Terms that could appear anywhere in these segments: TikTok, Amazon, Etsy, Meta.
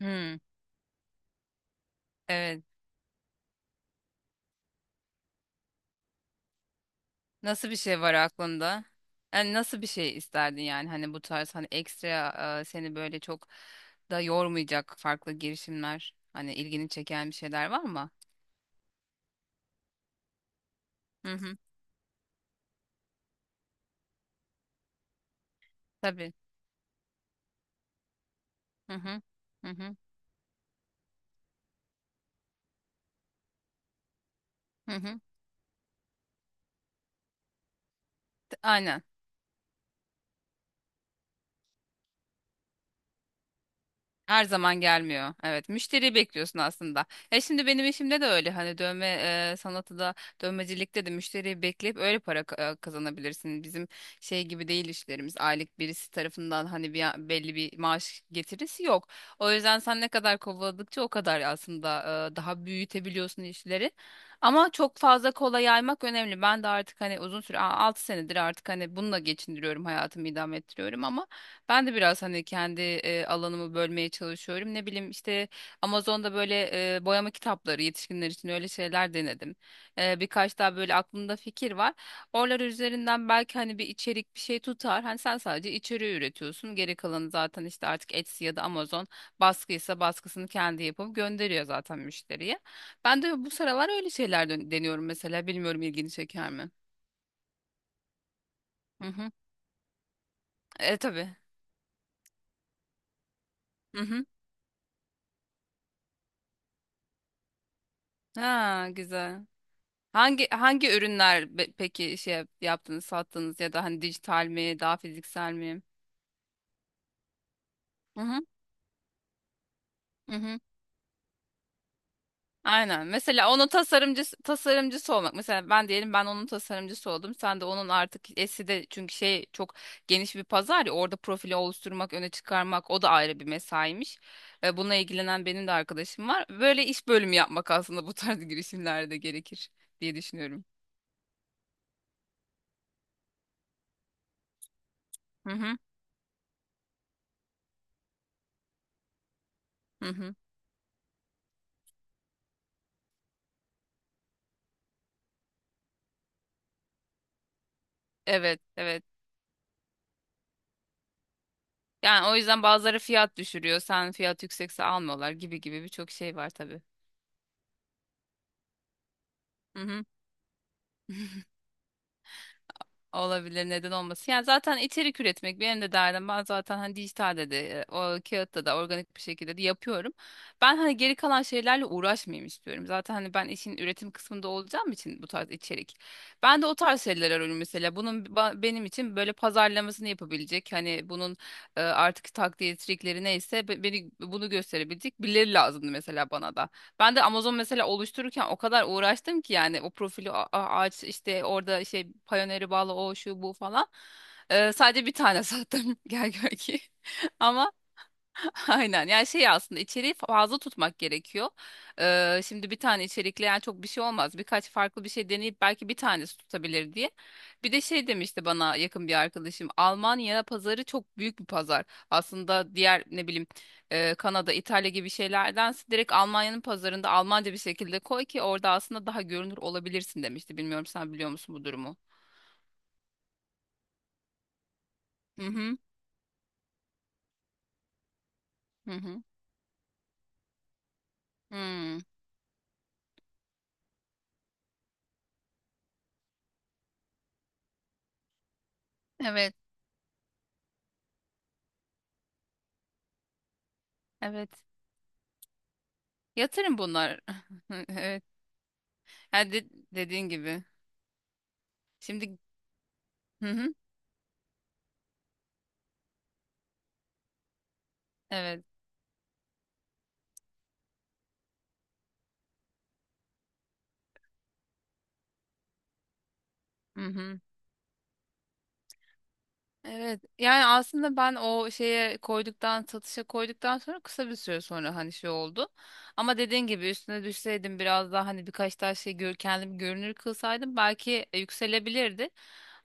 Hmm, evet. Nasıl bir şey var aklında? Yani nasıl bir şey isterdin, yani hani bu tarz hani ekstra, seni böyle çok da yormayacak farklı girişimler hani ilgini çeken bir şeyler var mı? Hı hı. Tabii. Hı hı. Hı hı. Hı hı. Aynen. Her zaman gelmiyor. Evet, müşteriyi bekliyorsun aslında. E, şimdi benim işimde de öyle. Hani dövme sanatı da, dövmecilikte de müşteriyi bekleyip öyle para kazanabilirsin. Bizim şey gibi değil işlerimiz. Aylık birisi tarafından hani bir belli bir maaş getirisi yok. O yüzden sen ne kadar kovaladıkça o kadar aslında daha büyütebiliyorsun işleri. Ama çok fazla kola yaymak önemli. Ben de artık hani uzun süre 6 senedir artık hani bununla geçindiriyorum, hayatımı idame ettiriyorum, ama ben de biraz hani kendi alanımı bölmeye çalışıyorum. Ne bileyim işte Amazon'da böyle boyama kitapları yetişkinler için, öyle şeyler denedim. E, birkaç daha böyle aklımda fikir var. Oralar üzerinden belki hani bir içerik bir şey tutar. Hani sen sadece içeriği üretiyorsun. Geri kalanı zaten işte artık Etsy ya da Amazon, baskıysa baskısını kendi yapıp gönderiyor zaten müşteriye. Ben de bu sıralar öyle şeyler deniyorum mesela. Bilmiyorum ilgini çeker mi? Hı hı. E tabii. Hı hı. Ha, güzel. Hangi ürünler peki şey yaptınız, sattınız, ya da hani dijital mi, daha fiziksel mi? Hı hı. Hı hı. Aynen. Mesela onun tasarımcısı tasarımcısı olmak. Mesela ben diyelim, ben onun tasarımcısı oldum. Sen de onun artık esi de, çünkü şey çok geniş bir pazar ya, orada profili oluşturmak, öne çıkarmak, o da ayrı bir mesaiymiş. Ve buna ilgilenen benim de arkadaşım var. Böyle iş bölümü yapmak aslında bu tarz girişimlerde gerekir diye düşünüyorum. Hı hı. Hı hı. Evet, evet. Yani o yüzden bazıları fiyat düşürüyor. Sen fiyat yüksekse almıyorlar, gibi gibi birçok şey var tabii. Hı hı. Olabilir, neden olmasın. Yani zaten içerik üretmek benim de derdim. Ben zaten hani dijitalde de, o kağıtta da organik bir şekilde de yapıyorum. Ben hani geri kalan şeylerle uğraşmayayım istiyorum. Zaten hani ben işin üretim kısmında olacağım için bu tarz içerik. Ben de o tarz şeyler arıyorum mesela. Bunun benim için böyle pazarlamasını yapabilecek. Hani bunun artık takdir trikleri neyse, beni bunu gösterebilecek birileri lazımdı mesela bana da. Ben de Amazon mesela oluştururken o kadar uğraştım ki, yani o profili aç işte, orada şey Payoneer'e bağlı, o şu bu falan. Sadece bir tane sattım gel gör ki. Ama aynen, yani şey aslında içeriği fazla tutmak gerekiyor. Şimdi bir tane içerikle yani çok bir şey olmaz. Birkaç farklı bir şey deneyip belki bir tanesi tutabilir diye. Bir de şey demişti bana yakın bir arkadaşım. Almanya pazarı çok büyük bir pazar. Aslında diğer ne bileyim, Kanada, İtalya gibi şeylerdense direkt Almanya'nın pazarında Almanca bir şekilde koy ki orada aslında daha görünür olabilirsin demişti. Bilmiyorum, sen biliyor musun bu durumu? Hı hı. Hı hı. Hmm. Evet. Evet. Yatırım bunlar. Evet. Ha, dediğin gibi. Şimdi hı hı, evet. Hı hı. Evet, yani aslında ben o şeye koyduktan, satışa koyduktan sonra kısa bir süre sonra hani şey oldu. Ama dediğin gibi üstüne düşseydim biraz daha, hani birkaç tane şey gör, kendim görünür kılsaydım belki yükselebilirdi.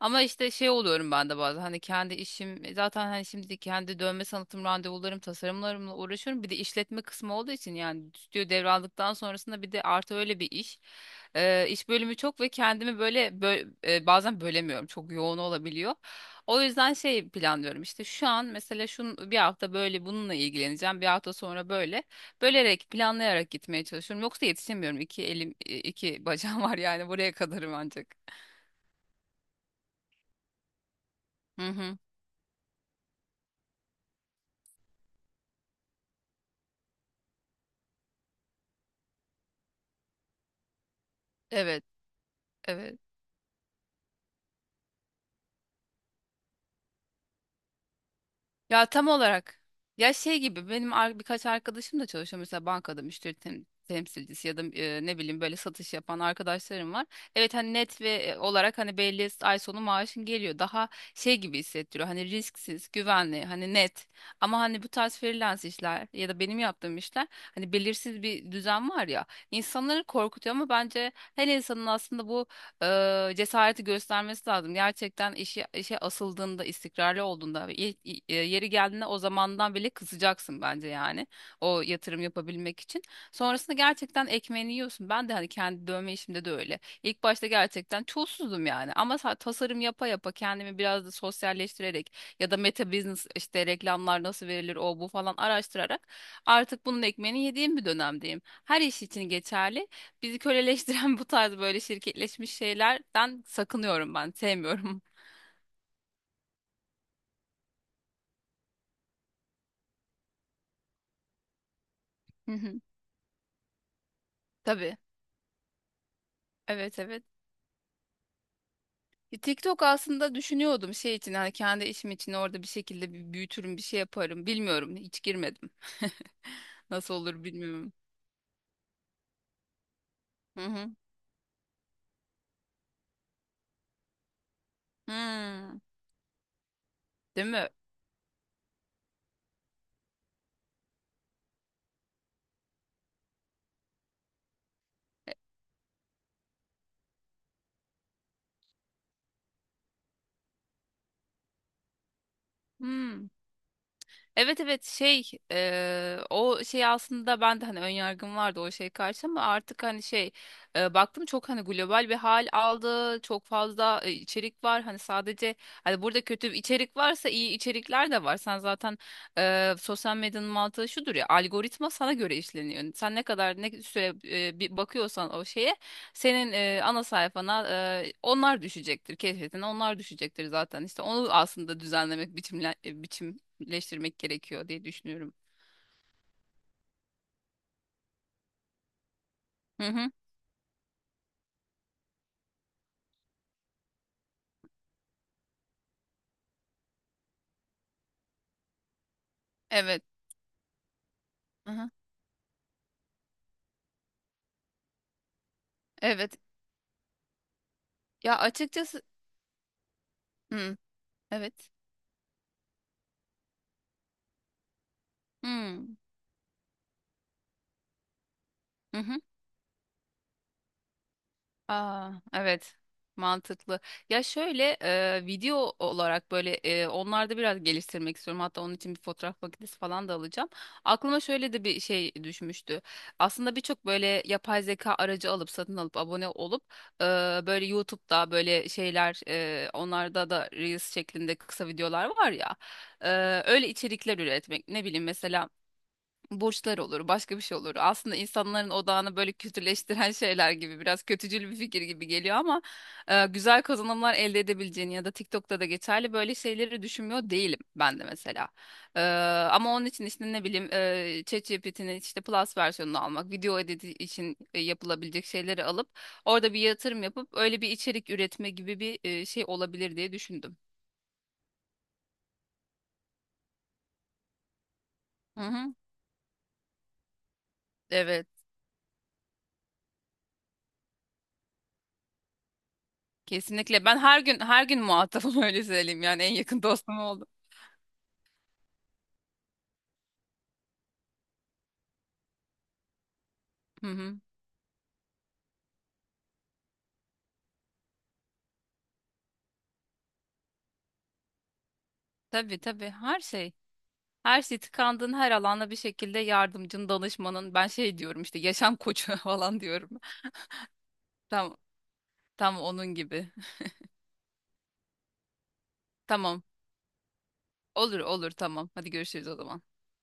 Ama işte şey oluyorum ben de bazen, hani kendi işim zaten hani şimdi kendi dövme sanatım, randevularım, tasarımlarımla uğraşıyorum. Bir de işletme kısmı olduğu için yani, stüdyo devraldıktan sonrasında bir de artı öyle bir iş. İş bölümü çok ve kendimi böyle bazen bölemiyorum, çok yoğun olabiliyor. O yüzden şey planlıyorum işte, şu an mesela şun bir hafta böyle bununla ilgileneceğim, bir hafta sonra böyle, bölerek planlayarak gitmeye çalışıyorum, yoksa yetişemiyorum, iki elim iki bacağım var, yani buraya kadarım ancak. Hı hı. Evet, evet. Ya tam olarak, ya şey gibi benim birkaç arkadaşım da çalışıyor mesela, bankada müşteri temsilcisi ya da ne bileyim böyle satış yapan arkadaşlarım var. Evet, hani net ve olarak hani belli, ay sonu maaşın geliyor. Daha şey gibi hissettiriyor. Hani risksiz, güvenli, hani net. Ama hani bu tarz freelance işler ya da benim yaptığım işler, hani belirsiz bir düzen var ya. İnsanları korkutuyor ama bence her insanın aslında bu cesareti göstermesi lazım. Gerçekten işi, işe asıldığında, istikrarlı olduğunda, ve yeri geldiğinde, o zamandan bile kısacaksın bence yani. O yatırım yapabilmek için. Sonrasında gerçekten ekmeğini yiyorsun. Ben de hani kendi dövme işimde de öyle. İlk başta gerçekten çulsuzdum yani. Ama tasarım yapa yapa kendimi biraz da sosyalleştirerek, ya da meta business işte reklamlar nasıl verilir o bu falan araştırarak, artık bunun ekmeğini yediğim bir dönemdeyim. Her iş için geçerli. Bizi köleleştiren bu tarz böyle şirketleşmiş şeylerden sakınıyorum ben. Sevmiyorum. Hı hı. Tabii. Evet, evet. E, TikTok aslında düşünüyordum şey için, hani kendi işim için orada bir şekilde bir büyütürüm bir şey yaparım. Bilmiyorum, hiç girmedim. Nasıl olur bilmiyorum. Hı hı. Hmm. Değil mi? Hmm. Evet, evet şey, o şey aslında ben de hani önyargım vardı o şey karşı, ama artık hani şey, baktım çok hani global bir hal aldı, çok fazla içerik var hani. Sadece hani burada kötü bir içerik varsa iyi içerikler de var. Sen zaten sosyal medyanın mantığı şudur ya, algoritma sana göre işleniyor. Sen ne kadar ne süre bir bakıyorsan o şeye, senin ana sayfana onlar düşecektir, keşfetine onlar düşecektir, zaten işte onu aslında düzenlemek, biçimle, biçim birleştirmek gerekiyor diye düşünüyorum. Hı hı. Evet. Hı hı. Evet. Ya, açıkçası hı. Evet. Hı. Hı hı. Aa, evet, mantıklı. Ya şöyle video olarak böyle onlarda biraz geliştirmek istiyorum. Hatta onun için bir fotoğraf makinesi falan da alacağım. Aklıma şöyle de bir şey düşmüştü. Aslında birçok böyle yapay zeka aracı alıp, satın alıp abone olup e, böyle YouTube'da böyle şeyler onlarda da Reels şeklinde kısa videolar var ya. E, öyle içerikler üretmek. Ne bileyim mesela borçlar olur, başka bir şey olur. Aslında insanların odağını böyle kötüleştiren şeyler gibi, biraz kötücül bir fikir gibi geliyor, ama güzel kazanımlar elde edebileceğini ya da TikTok'ta da geçerli böyle şeyleri düşünmüyor değilim ben de mesela. E, ama onun için işte ne bileyim, ChatGPT'nin işte Plus versiyonunu almak, video editi için yapılabilecek şeyleri alıp orada bir yatırım yapıp öyle bir içerik üretme gibi bir şey olabilir diye düşündüm. Hı hı, evet. Kesinlikle ben her gün her gün muhatabım, öyle söyleyeyim, yani en yakın dostum oldu. Hı hı. Tabii tabii, her şey. Her şey tıkandığın her alanda bir şekilde yardımcın, danışmanın. Ben şey diyorum işte, yaşam koçu falan diyorum. Tam tam onun gibi. Tamam. Olur olur tamam. Hadi görüşürüz o zaman.